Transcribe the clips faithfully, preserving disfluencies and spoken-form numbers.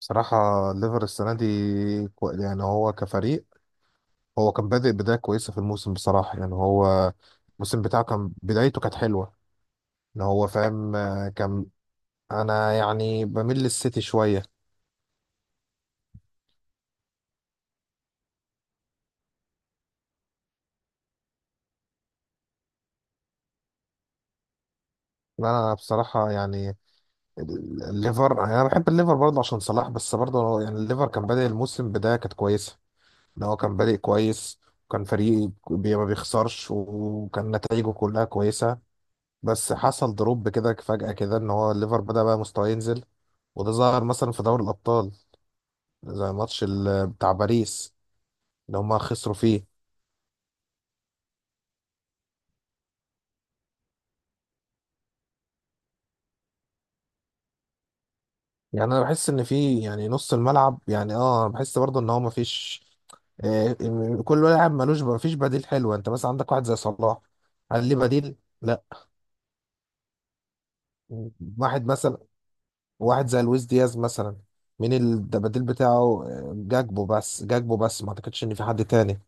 بصراحة الليفر السنة دي كو- يعني هو كفريق. هو كان بادئ بداية كويسة في الموسم، بصراحة. يعني هو الموسم بتاعه كان بدايته كانت حلوة، ان هو فاهم. آه، كان انا يعني بميل للسيتي شوية. انا بصراحة يعني ال- الليفر، يعني انا بحب الليفر برضه عشان صلاح، بس برضه يعني الليفر كان بادئ الموسم بداية كانت كويسة، ان هو كان بادئ كويس، وكان فريق بي- ما بيخسرش، وكان نتائجه كلها كويسة. بس حصل دروب كده فجأة كده، ان هو الليفر بدأ بقى مستواه ينزل، وده ظهر مثلا في دوري الأبطال، زي ماتش ال- بتاع باريس اللي هما خسروا فيه. يعني انا بحس ان في، يعني، نص الملعب، يعني اه انا بحس برضه ان هو مفيش، آه، م- كل لاعب ملوش، مفيش بديل حلو. انت مثلا عندك واحد زي صلاح، هل ليه بديل؟ لا. واحد مثلا، واحد زي لويس دياز مثلا، مين البديل بتاعه؟ آه، جاكبو، بس جاكبو بس ما اعتقدش ان في حد تاني.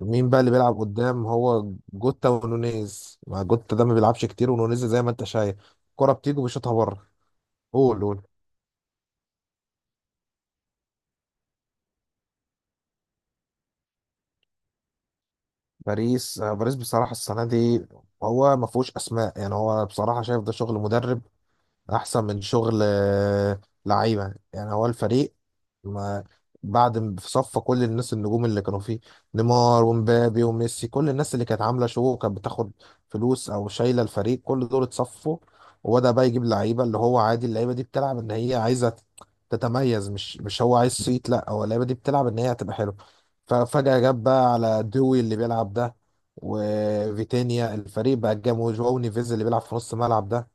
مين بقى اللي بيلعب قدام؟ هو جوتا ونونيز، مع جوتا ده ما بيلعبش كتير، ونونيز زي ما انت شايف، الكرة بتيجي وبيشوطها بره. قول، قول. باريس آه، باريس بصراحة السنة دي هو ما فيهوش أسماء. يعني هو بصراحة شايف ده شغل مدرب احسن من شغل آه، لعيبه. يعني هو الفريق ما بعد م- في صفى كل الناس النجوم اللي كانوا فيه، نيمار ومبابي وميسي، كل الناس اللي كانت عامله شو وكانت بتاخد فلوس او شايله الفريق، كل دول اتصفوا. وبدا بقى يجيب لعيبه اللي هو عادي، اللعيبه دي بتلعب ان هي عايزه ت- تتميز، مش مش هو عايز صيت، لا هو اللعيبه دي بتلعب ان هي هتبقى حلوه. ففجاه جاب بقى على دوي اللي بيلعب ده وفيتينيا، الفريق بقى جاب، وجواو نيفيز اللي بيلعب في نص الملعب ده.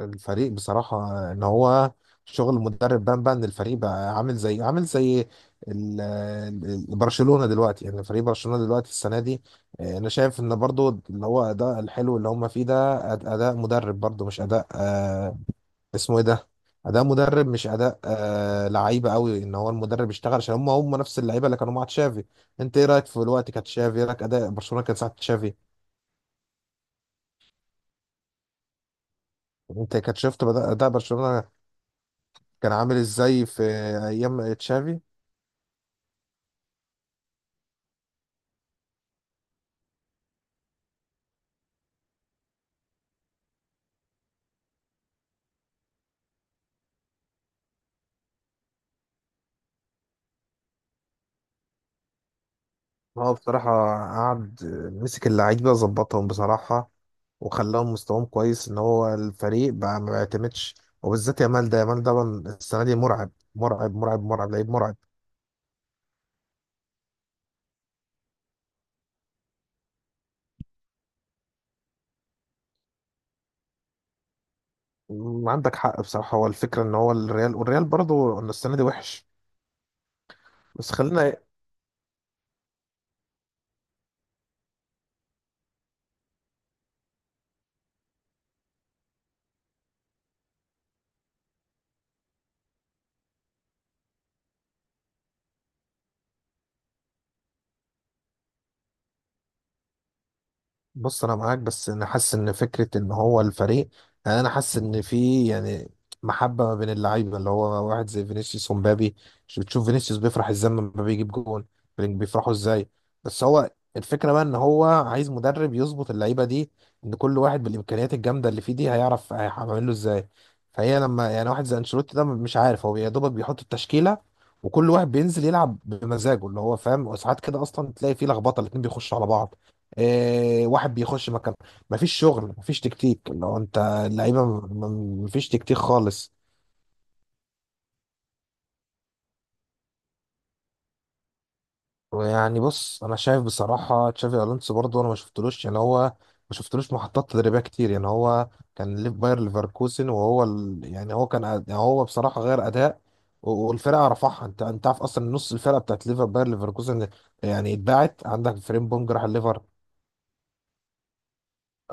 الفريق بصراحة ان هو شغل المدرب بان، بان الفريق بقى عامل زي عامل زي ال- ال- برشلونة دلوقتي. يعني فريق برشلونة دلوقتي السنة دي، آه، انا شايف ان برضو اللي هو اداء الحلو اللي هم فيه ده أد- اداء مدرب، برضو مش اداء، آه، اسمه ايه ده، اداء مدرب مش اداء آه، لعيبة قوي. ان هو المدرب اشتغل عشان هم هم نفس اللعيبة اللي كانوا مع تشافي. انت ايه رايك في الوقت كانت تشافي؟ ايه رايك اداء برشلونة كان ساعة تشافي؟ انت كنت شفت بدأ- اداء برشلونة كان عامل ازاي في ايام تشافي؟ هو بصراحة قعد مسك اللعيبة ظبطهم بصراحة، وخلاهم مستواهم كويس، ان هو الفريق بقى ما بيعتمدش، وبالذات يامال. ده يامال ده بقى السنة دي مرعب، مرعب، مرعب، مرعب، لعيب مرعب. م- عندك حق بصراحة. هو الفكرة ان هو الريال، والريال برضه إن السنة دي وحش. بس خلينا، بص انا معاك، بس انا حاسس ان فكره ان هو الفريق، يعني انا حاسس ان في، يعني، محبه ما بين اللعيبه، اللي هو واحد زي فينيسيوس ومبابي. مش بتشوف فينيسيوس بيفرح ازاي لما مبابي يجيب جون؟ بيفرحوا ازاي! بس هو الفكره بقى ان هو عايز مدرب يظبط اللعيبه دي، ان كل واحد بالامكانيات الجامده اللي فيه دي هيعرف هيعمل له ازاي. فهي لما يعني واحد زي انشيلوتي ده مش عارف، هو يا دوبك بيحط التشكيله وكل واحد بينزل يلعب بمزاجه اللي هو فاهم، وساعات كده اصلا تلاقي فيه لخبطه، الاتنين بيخشوا على بعض، إيه واحد بيخش مكان، مفيش شغل، مفيش تكتيك. لو انت اللعيبه م- م- مفيش تكتيك خالص. ويعني بص، انا شايف بصراحه تشافي الونسو برضه انا ما شفتلوش. يعني هو ما شفتلوش محطات تدريبيه كتير. يعني هو كان ليف باير ليفركوزن، وهو ال... يعني هو كان أد- يعني هو بصراحه غير اداء و- والفرقه رفعها. انت انت عارف اصلا نص الفرقه بتاعت ليفر باير ليفركوزن يعني اتباعت. عندك فريمبونج راح الليفر،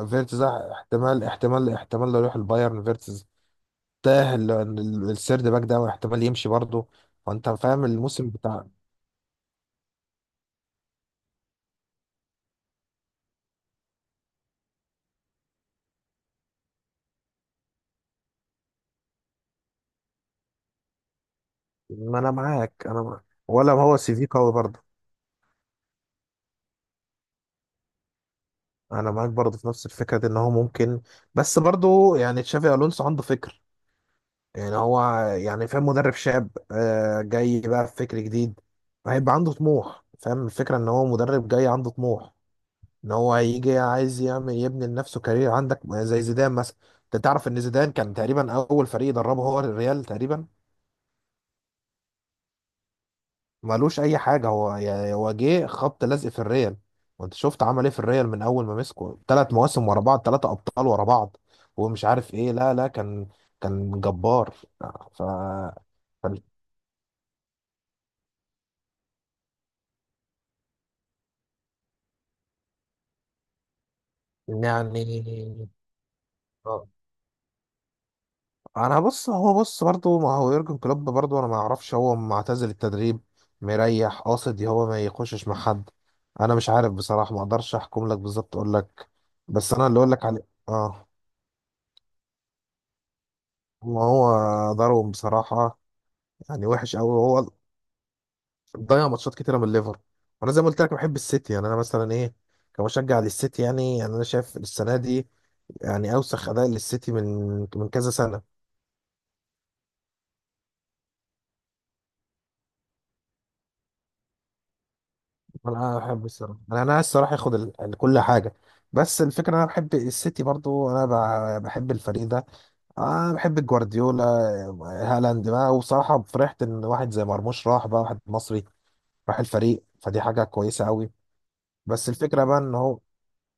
فيرتز راح- احتمال، احتمال، احتمال لو يروح البايرن فيرتز. تاه ال- ال- السيرد باك ده، واحتمال يمشي برضه. فانت فاهم الموسم بتاع. ما انا معاك، انا معاك. ولا هو سي في قوي برضه. انا معاك برضه في نفس الفكره دي ان هو ممكن، بس برضه يعني تشافي الونسو عنده فكر. يعني هو، يعني فاهم، مدرب شاب آه، جاي بقى بفكر جديد، هيبقى عنده طموح، فاهم الفكره، ان هو مدرب جاي عنده طموح، ان هو هيجي عايز يعمل، يبني لنفسه كارير. عندك زي زيدان مثلا، انت تعرف ان زيدان كان تقريبا اول فريق دربه هو الريال تقريبا، ملوش اي حاجه. هو يا- هو جه خبط لزق في الريال، وانت شفت عمل ايه في الريال. من اول ما مسكه ثلاث مواسم ورا بعض، ثلاثه ابطال ورا بعض، ومش عارف ايه. لا، لا، كان، كان جبار. ف فال- يعني آه. انا بص، هو بص برضو. ما هو يورجن كلوب برضو انا ما اعرفش هو معتزل التدريب، مريح، قاصد هو ما يخشش مع حد. انا مش عارف بصراحه، ما اقدرش احكم لك بالظبط، اقول لك بس انا اللي اقول لك عليه، اه. ما هو ضرهم بصراحة، يعني وحش قوي، وهو ضيع ماتشات كتيره من الليفر. وانا زي ما قلت لك بحب السيتي، يعني انا مثلا ايه، كمشجع للسيتي يعني يعني انا شايف السنه دي يعني اوسخ اداء للسيتي من من كذا سنه. انا احب الصراحه، انا انا عايز الصراحه ياخد ال- ال- كل حاجه. بس الفكره، انا بحب السيتي برضو، انا ب- بحب الفريق ده، انا بحب جوارديولا. هالاند بقى، وصراحه فرحت ان واحد زي مرموش راح، بقى واحد مصري راح الفريق، فدي حاجه كويسه قوي. بس الفكره بقى ان هو،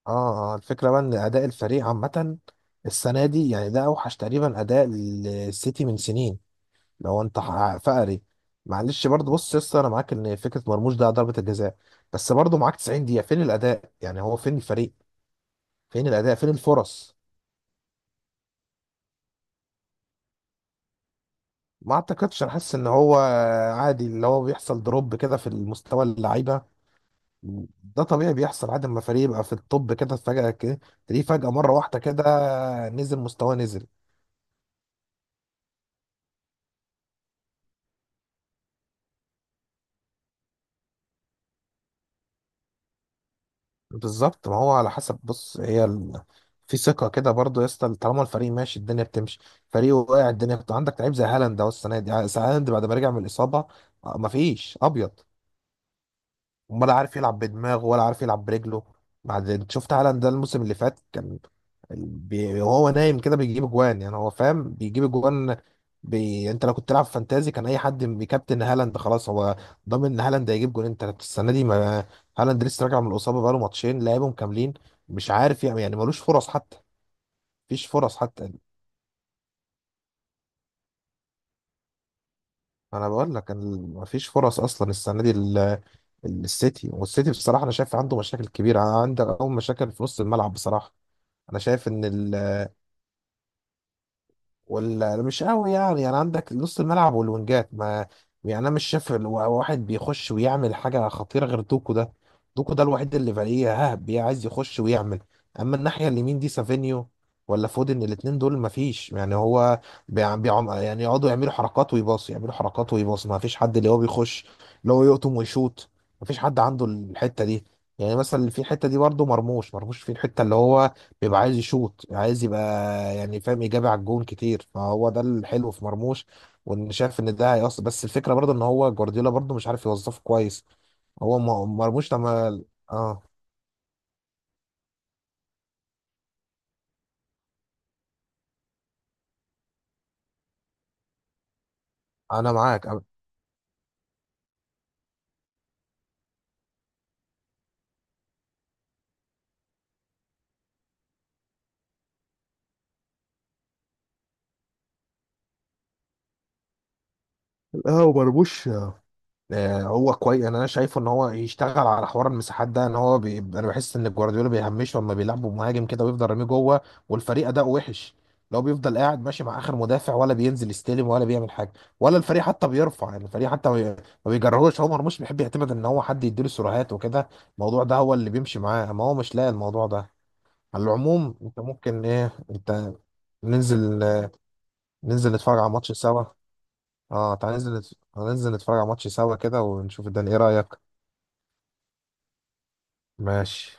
اه اه الفكرة بقى ان اداء الفريق عامة السنة دي، يعني ده اوحش تقريبا اداء للسيتي من سنين. لو انت ح- فقري، معلش برضه، بص يا اسطى انا معاك ان فكرة مرموش ده ضربة الجزاء، بس برضه معاك تسعين دقيقة، فين الاداء؟ يعني هو فين الفريق؟ فين الاداء؟ فين الفرص؟ ما اعتقدش. انا حاسس ان هو عادي، اللي هو بيحصل دروب كده في المستوى اللعيبة، ده طبيعي بيحصل عادي لما فريق يبقى في الطب كده فجأة كده، تلاقيه فجأة مرة واحدة كده نزل مستواه نزل. بالظبط، ما هو على حسب، بص هي ال... في ثقة كده برضه يا اسطى، طالما الفريق ماشي الدنيا بتمشي، فريق واقع الدنيا بت... عندك لعيب زي هالاند، اهو السنة دي هالاند بعد ما رجع من الإصابة، آه، مفيش أبيض، ولا عارف يلعب بدماغه، ولا عارف يلعب برجله. بعد، شفت هالاند ده الموسم اللي فات كان بي... وهو نايم كده بيجيب اجوان، يعني هو فاهم بيجيب اجوان. بي... انت لو كنت تلعب فانتازي كان اي حد بيكابتن هالاند، خلاص هو ضامن ان هالاند هيجيب جون. انت السنه دي ما، هالاند لسه راجع من الاصابه، بقاله ماتشين لعبهم كاملين، مش عارف يعني يعني ملوش فرص حتى، مفيش فرص حتى. انا بقول لك ال- مفيش فرص اصلا السنه دي ال- ال- السيتي، والسيتي بصراحه انا شايف عنده مشاكل كبيره. عنده اول مشاكل في نص الملعب بصراحه، انا شايف ان ولا مش قوي يعني يعني عندك نص الملعب والوينجات ما، يعني انا مش شايف ال- واحد بيخش ويعمل حاجه خطيره غير دوكو ده. دوكو ده الوحيد اللي فاريه ها بي- عايز يخش ويعمل. اما الناحيه اليمين دي سافينيو ولا فودن، الاتنين دول ما فيش، يعني هو بيع- بيعم، يعني يقعدوا يعملوا حركات ويباص، يعملوا حركات ويباص، ما فيش حد اللي هو بيخش، اللي هو يقطم ويشوط، ما فيش حد عنده الحته دي. يعني مثلا في الحته دي برضه مرموش. مرموش في الحته اللي هو بيبقى عايز يشوط، عايز يبقى يعني فاهم، يجابه على الجون كتير، فهو ده الحلو في مرموش، وان شايف ان ده هيأثر. بس الفكره برضه ان هو جوارديولا برضه مش عارف يوظفه كويس. هو م- مرموش لما، اه، انا معاك. أنا- لا، هو مرموش آه، هو كويس. انا أنا شايفه ان هو يشتغل على حوار المساحات ده، ان هو بي... انا بحس ان جوارديولا بيهمشه لما بيلعبوا مهاجم كده، ويفضل راميه جوه والفريق اداؤه وحش، لو بيفضل قاعد ماشي مع اخر مدافع، ولا بينزل يستلم، ولا بيعمل حاجه، ولا الفريق حتى بيرفع. يعني الفريق حتى ما بي- ما بيجرهوش. هو مرموش بيحب يعتمد ان هو حد يديله سيروهات وكده، الموضوع ده هو اللي بيمشي معاه، ما هو مش لاقي الموضوع ده. على العموم انت ممكن ايه، انت، ننزل، ننزل نتفرج على ماتش سوا. اه تعال، ننزل نت- ننزل نتفرج على ماتش سوا كده ونشوف الدنيا. ايه رأيك؟ ماشي.